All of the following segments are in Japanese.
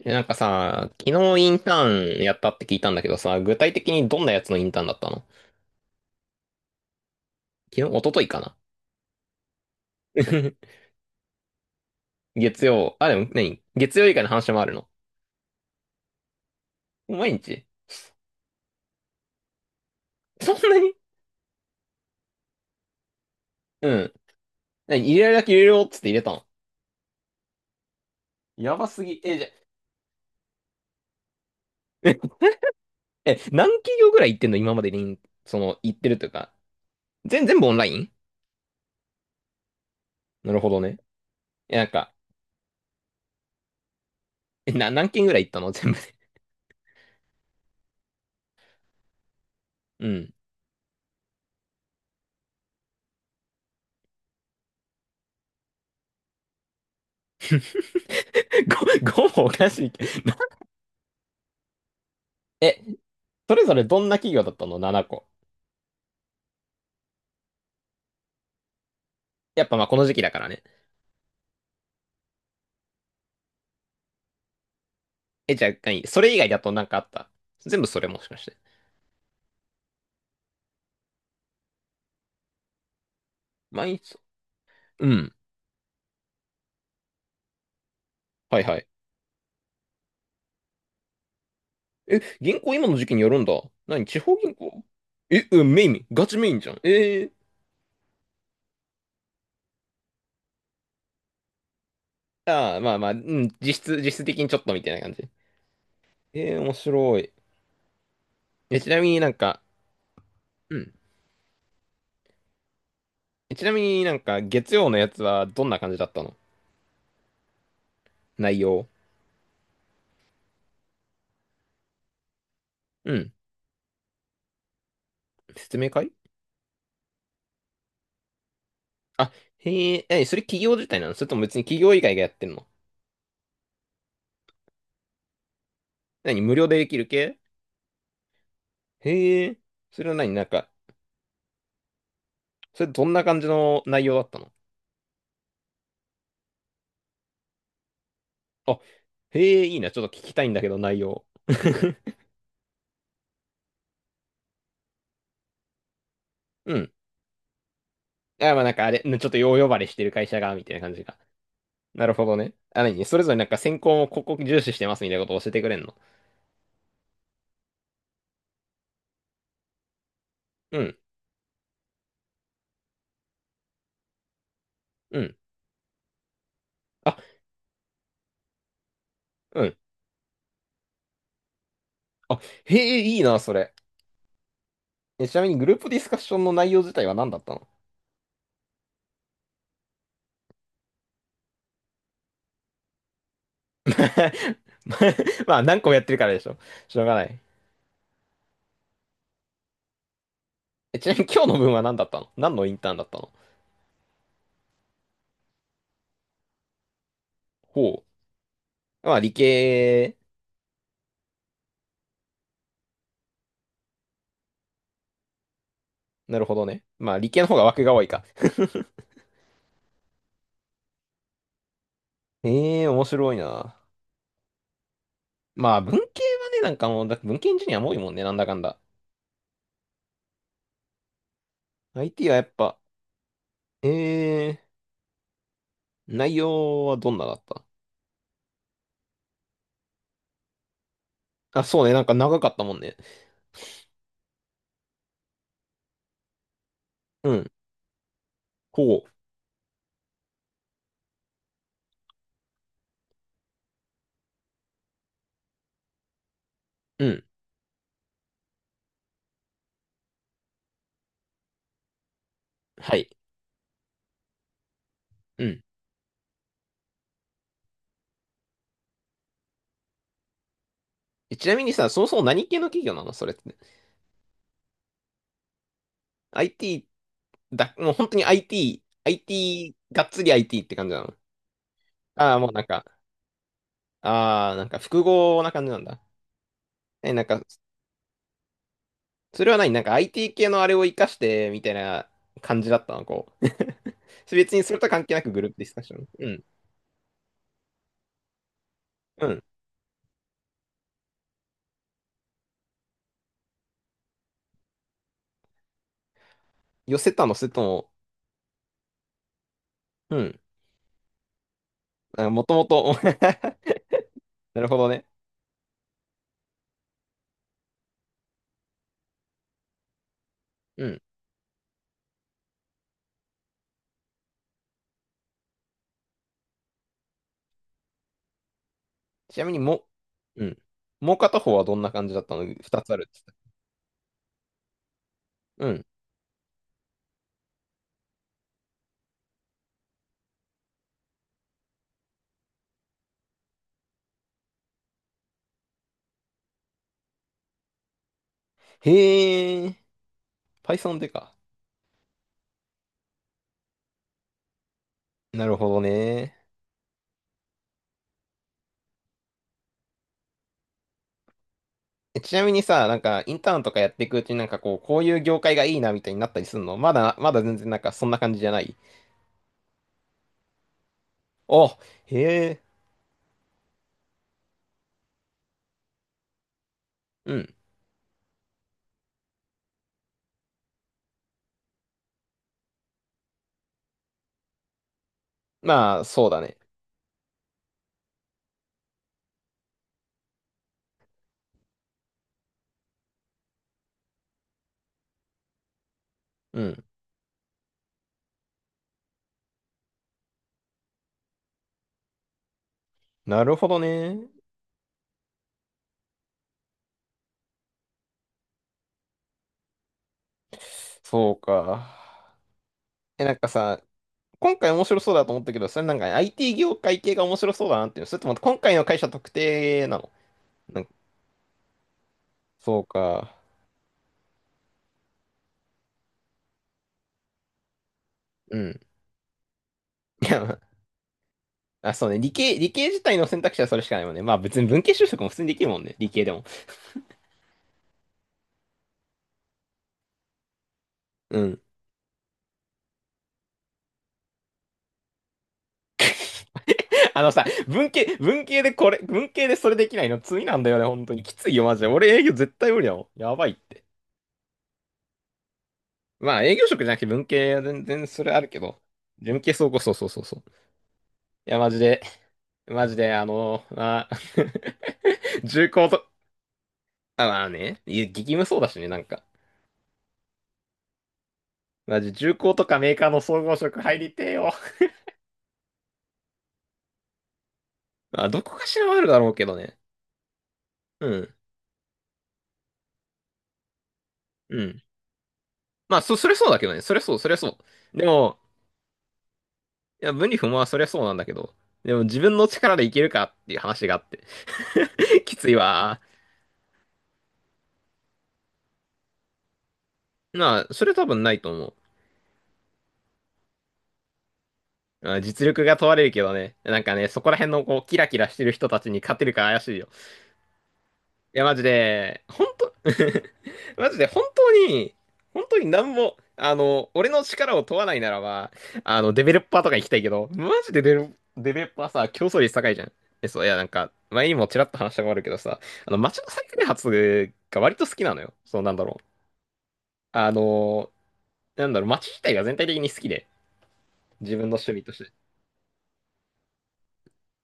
えさ、昨日インターンやったって聞いたんだけどさ、具体的にどんなやつのインターンだったの？昨日、一昨日かな。 月曜。あ、でも何、月曜以外の話もあるの？毎日？そんなに？うん。何、入れるだけ入れろっつって入れたの？やばすぎ。え、じゃ、え、何企業ぐらい行ってんの今までに、その、行ってるというか。全、全部オンライン？なるほどね。え、え、な、何件ぐらい行ったの全部で。うん。5、ごもおかしいけど。え、それぞれどんな企業だったの？ 7 個。やっぱまあこの時期だからね。え、じゃあ、何、それ以外だとなんかあった？全部それもしかして。毎日。うん。はいはい。え、銀行今の時期によるんだ。何、地方銀行？え、うん、メイン、ガチメインじゃん。えー。ああ、まあまあ、うん、実質、実質的にちょっとみたいな感じ。えー、面白い。え、ちなみにうん。え、ちなみに月曜のやつはどんな感じだったの？内容。うん。説明会？あ、へえ、え、それ企業自体なの、それとも別に企業以外がやってんの？何、無料でできる系？へえ、それは何それどんな感じの内容だったの？あ、へえ、いいな。ちょっと聞きたいんだけど、内容。うん。あ、まあなんかあれ、ちょっとよう呼ばれしてる会社が、みたいな感じが。なるほどね。あ、何、それぞれなんか選考をここ重視してますみたいなことを教えてくれんの？うん、うん。あ、うん。あ、へえ、いいな、それ。えちなみにグループディスカッションの内容自体は何だったの？ まあ何個もやってるからでしょ。しょうがない。えちなみに今日の分は何だったの？何のインターンだったの？ほう。まあ理系？なるほどね。まあ、理系の方が枠が多いか。ええー面白いな。まあ、文系はね、なんかもう、だ文系エンジニアも多いもんね、なんだかんだ。IT はやっぱ、ええー内容はどんなだった？あ、そうね、なんか長かったもんね。うん。ほう。うん。はい。うん。えちなみにさ、そもそも何系の企業なのそれって。IT？ だ、もう本当に IT、IT、がっつり IT って感じなの？ああー、もうなんか、ああ、なんか複合な感じなんだ。え、それは何IT 系のあれを活かして、みたいな感じだったのこう。別にそれとは関係なくグループディスカッション。うん。うん。寄せたの、それとも、うん。あ、もともと、なるほどね。うん。ちなみにも、うん。もう片方はどんな感じだったの？二つあるって言ってた。うん。へえ、Python でか。なるほどね。えちなみにさ、インターンとかやっていくうちにこう、こういう業界がいいなみたいになったりするの？まだ、まだ全然なんかそんな感じじゃない？お、へえ、うん。まあ、そうだね。うん。なるほどね。そうか。え、なんかさ、今回面白そうだと思ったけど、それなんか IT 業界系が面白そうだなっていう。それとも今回の会社特定なの？なんか、そうか。うん。いや、まあ、あそうね。理系、理系自体の選択肢はそれしかないもんね。まあ別に文系就職も普通にできるもんね。理系でも。うん。あのさ、文系、文系でこれ、文系でそれできないの罪なんだよね、本当に。きついよ、マジで。俺営業絶対無理だもん。やばいって。まあ営業職じゃなくて文系は全然それあるけど、事務系そうこそうそうそうそう。いや、マジで、マジで、あの、まあ 重工と、あ、まあね、いや激務そうだしね、なんか。マジ重工とかメーカーの総合職入りてえよ。まあ、どこかしらはあるだろうけどね。うん、うん。まあ、そ、それそうだけどね、それそう、それそう。でも、いや、分離不毛はそれそうなんだけど、でも自分の力でいけるかっていう話があって。きついわ。まあ、それ多分ないと思う。まあ実力が問われるけどね。なんかね、そこら辺のこう、キラキラしてる人たちに勝てるか怪しいよ。いや、マジで、本当 マジで、本当に、本当になんも、あの、俺の力を問わないならば、あの、デベロッパーとか行きたいけど、マジでデベロ、デベロッパーさ、競争率高いじゃん。え、そう、いや、前にもちらっと話したことあるけどさ、あの、街の再開発が割と好きなのよ。そう、なんだろう。あの、なんだろう、街自体が全体的に好きで、自分の趣味として。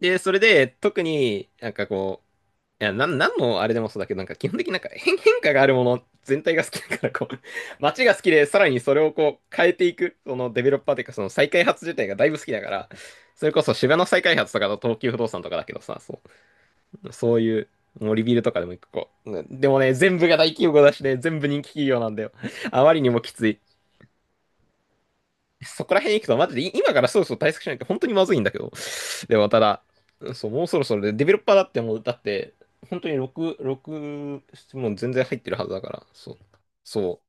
で、それで、特になんかこう、いや、なん、なんのあれでもそうだけど、なんか基本的になんか変、変化があるもの全体が好きだから、こう、街が好きで、さらにそれをこう変えていく、そのデベロッパーというか、その再開発自体がだいぶ好きだから、それこそ芝の再開発とかの東急不動産とかだけどさ、そう、そういう、もうリビルとかでも一個こう、うんでもね、全部が大企業だしね、全部人気企業なんだよ。あまりにもきつい。そこら辺行くと、マジでい今からそろそろ対策しないと本当にまずいんだけど。でもまただ、そう、もうそろそろで、デベロッパーだってもう、だって、本当に6、6、もう全然入ってるはずだから、そう。そ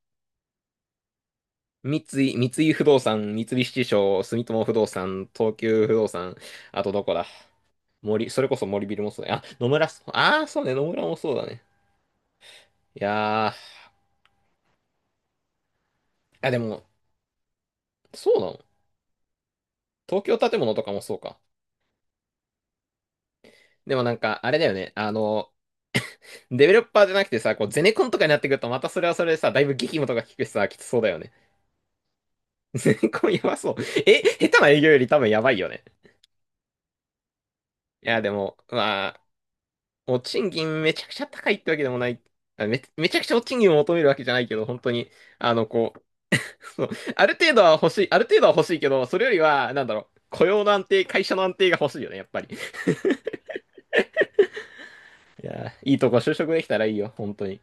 う。三井、三井不動産、三菱地所、住友不動産、東急不動産、あとどこだ？森、それこそ森ビルもそうだよ。あ、野村、ああ、そうね、野村もそうだね。いやー、あ、でも、そうなの？東京建物とかもそうか。でもなんか、あれだよね、あの、デベロッパーじゃなくてさ、こう、ゼネコンとかになってくると、またそれはそれでさ、だいぶ激務とか聞くしさ、きつそうだよね。ゼネコンやばそう。え、下手な営業より多分やばいよね。いや、でも、まあ、お賃金めちゃくちゃ高いってわけでもない。あめ、めちゃくちゃお賃金を求めるわけじゃないけど、本当に、あの、こう、そう、ある程度は欲しい、ある程度は欲しいけど、それよりは、なんだろう、雇用の安定、会社の安定が欲しいよね、やっぱり。いや、いいとこ就職できたらいいよ、本当に。